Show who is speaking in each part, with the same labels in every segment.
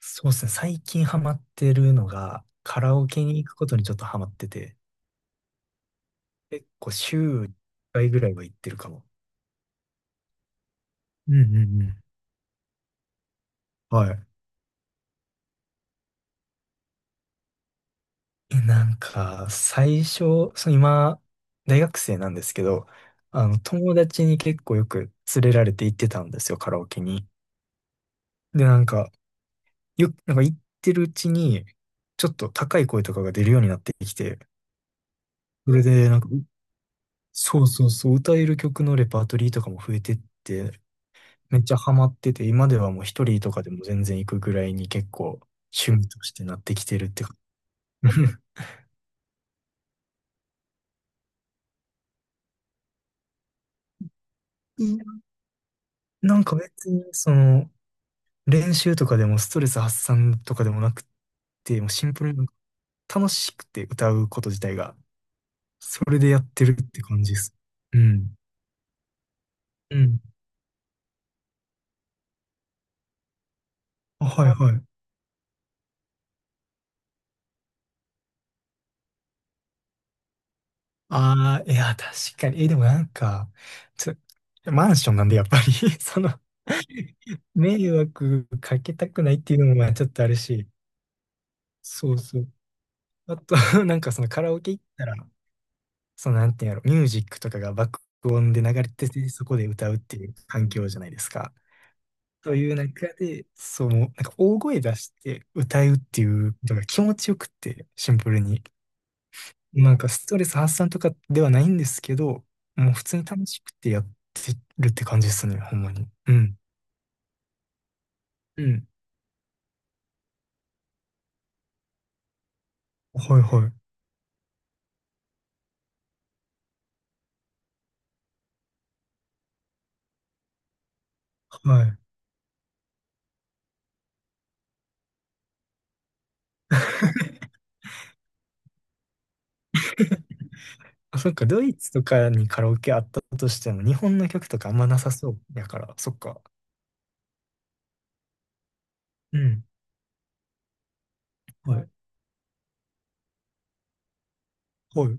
Speaker 1: そうですね。最近ハマってるのが、カラオケに行くことにちょっとハマってて、結構週1回ぐらいは行ってるかも。うんうんうん。はい。なんか、最初、そう、今、大学生なんですけど、あの、友達に結構よく連れられて行ってたんですよ、カラオケに。で、なんか、なんか行ってるうちに、ちょっと高い声とかが出るようになってきて、それで、なんか、そうそうそう、歌える曲のレパートリーとかも増えてって、めっちゃハマってて、今ではもう一人とかでも全然行くぐらいに結構趣味としてなってきてるって感じ。なんか別に、その、練習とかでもストレス発散とかでもなくて、もうシンプルになんか楽しくて歌うこと自体が、それでやってるって感じです。うん。うん。あ、はいはい。ああ、いや、確かに。え、でもなんか、ちょ、マンションなんでやっぱり その迷惑かけたくないっていうのもまあちょっとあるし、そうそう。あと、なんかそのカラオケ行ったら、そのなんていうんやろ、ミュージックとかが爆音で流れてて、そこで歌うっていう環境じゃないですか。という中で、そう、なんか大声出して歌うっていうのが気持ちよくって、シンプルに。なんかストレス発散とかではないんですけど、もう普通に楽しくてやってるって感じですね、ほんまに。うん。うん。はいはい。はい。あ、そっか、ドイツとかにカラオケあったとしても、日本の曲とかあんまなさそうやから、そっか。うん。はい。はい。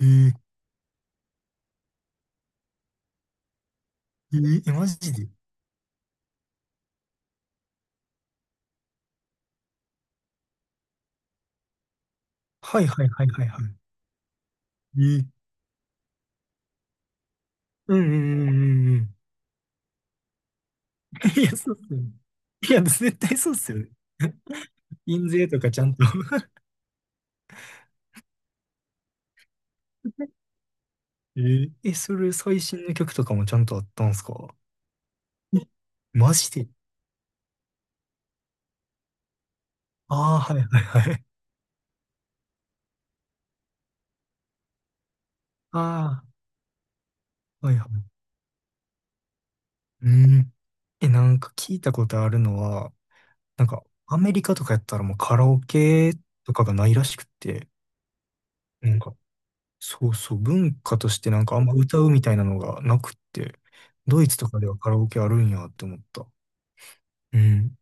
Speaker 1: えー、マジで。はいはいはいはいはい。えー、うんうんうんうんうん。いや、そうっすよね。いや、絶対そうっすよね。印税とかちゃんと それ最新の曲とかもちゃんとあったんすか？えマジで？ああー、はいはいはい。ああ、はいはい。うん。なんか聞いたことあるのは、なんかアメリカとかやったらもうカラオケとかがないらしくって、なんかそうそう、文化としてなんかあんま歌うみたいなのがなくって、ドイツとかではカラオケあるんやって思った。うん。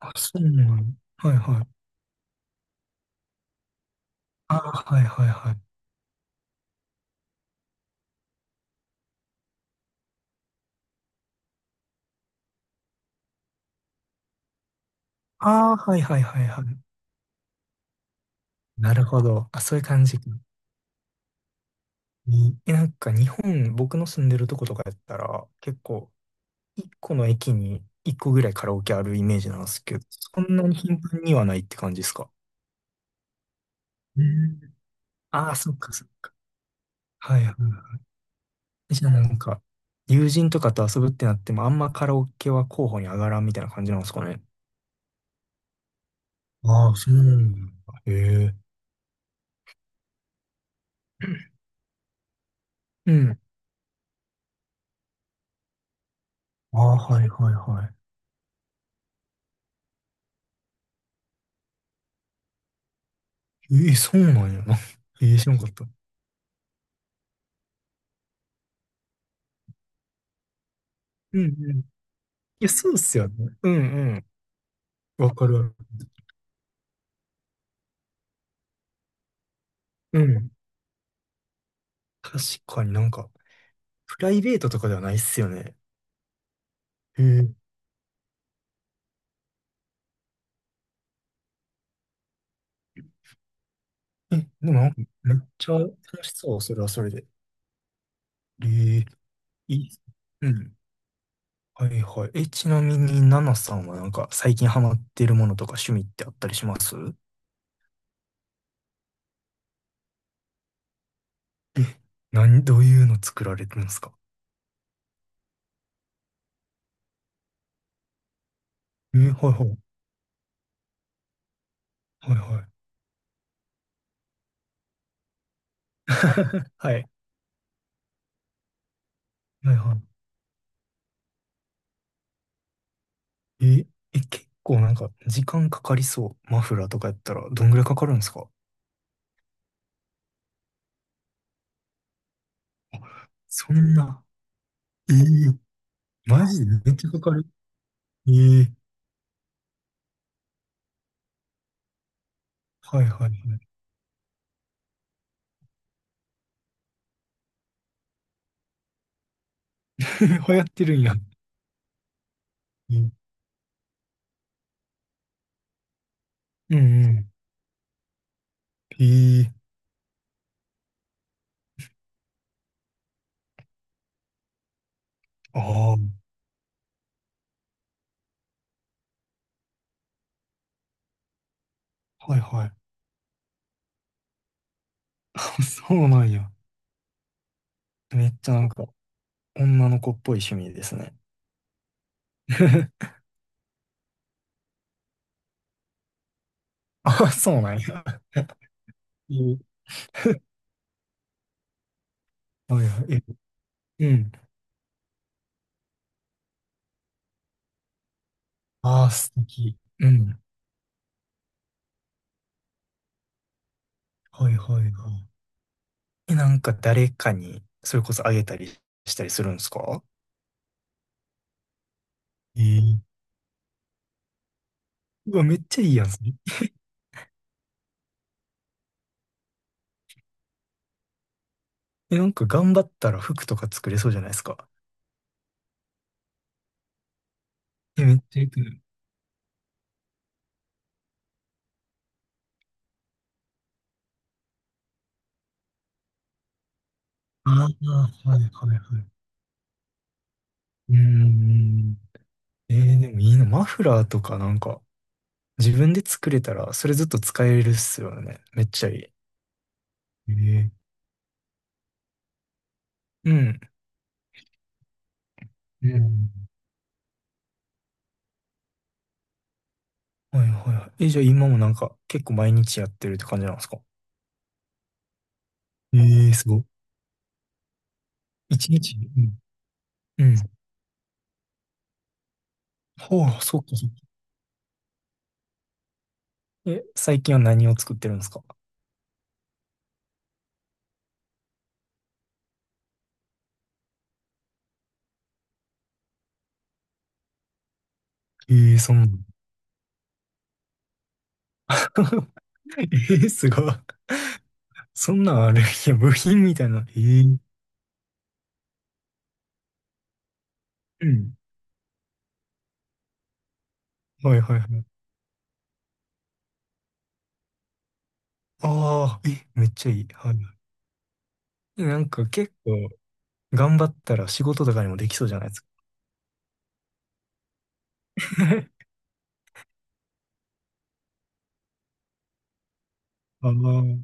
Speaker 1: あ、そうなの。はいはい。ああ、はいはいはい。ああ、はいはいはいはい。なるほど。あ、そういう感じか。なんか日本、僕の住んでるとことかやったら、結構、一個の駅に一個ぐらいカラオケあるイメージなんですけど、そんなに頻繁にはないって感じですか？うん。ああ、そっかそっか。はいはい。じゃあなんか、友人とかと遊ぶってなっても、あんまカラオケは候補に上がらんみたいな感じなんですかね。ああ、そうなんだ。へえ。うん。ああ、はいはいはい。ええ、そうなんやな。ええ、知らんかった。うんうん。いや、そうっすよね。うんうん。わかるわかる。うん。確かになんか、プライベートとかではないっすよね。へえ。え、でもなんか、めっちゃ楽しそう、それはそれで。ええ、いいっす。うん。はいはい。ちなみに、ナナさんはなんか最近ハマってるものとか趣味ってあったりします？え、何、どういうの作られてるんですか？え、はいはい。はいはい。はい。はいはい。結構なんか時間かかりそう。マフラーとかやったらどんぐらいかかるんですか？そんな。えーマジでめっちゃかかる。えーはいはいはい。流行ってるんや。えーうんうん。えーああ、はいはい。そうなんや。めっちゃなんか、女の子っぽい趣味ですね。あ、そうなんや。えはいはい。え、うん。ああ、素敵。うん。はいはいはい。なんか誰かに、それこそあげたりしたりするんですか？えー、うわ、めっちゃいいやん。それ、なんか頑張ったら服とか作れそうじゃないですか。めっちゃいい。ああ、はいはいはい。うーん。でもいいな。マフラーとかなんか、自分で作れたら、それずっと使えるっすよね。めっちゃいい。うん。うん。はいはいはい。じゃあ今もなんか結構毎日やってるって感じなんですか？ええすご。一日に、うん。うん。はあ、そっかそっか。最近は何を作ってるんですか？ええそんな。ええすごい。そんなんある。いや、部品みたいな。ええ。うん。はいはいはい。ああ、めっちゃいい。はいはい。なんか結構頑張ったら仕事とかにもできそうじゃないですか。あの、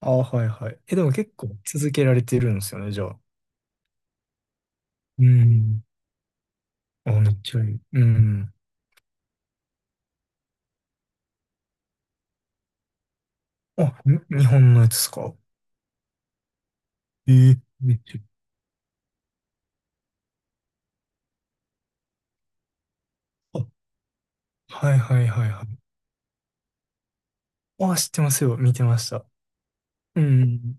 Speaker 1: ああ、はいはい。でも結構続けられてるんですよね、じゃあ。うん。あ、めっちゃいい。うん。あ、日本のやつですか？ええめっちゃいい。あ、はいはいはいはい。あ、知ってますよ。見てました。うん。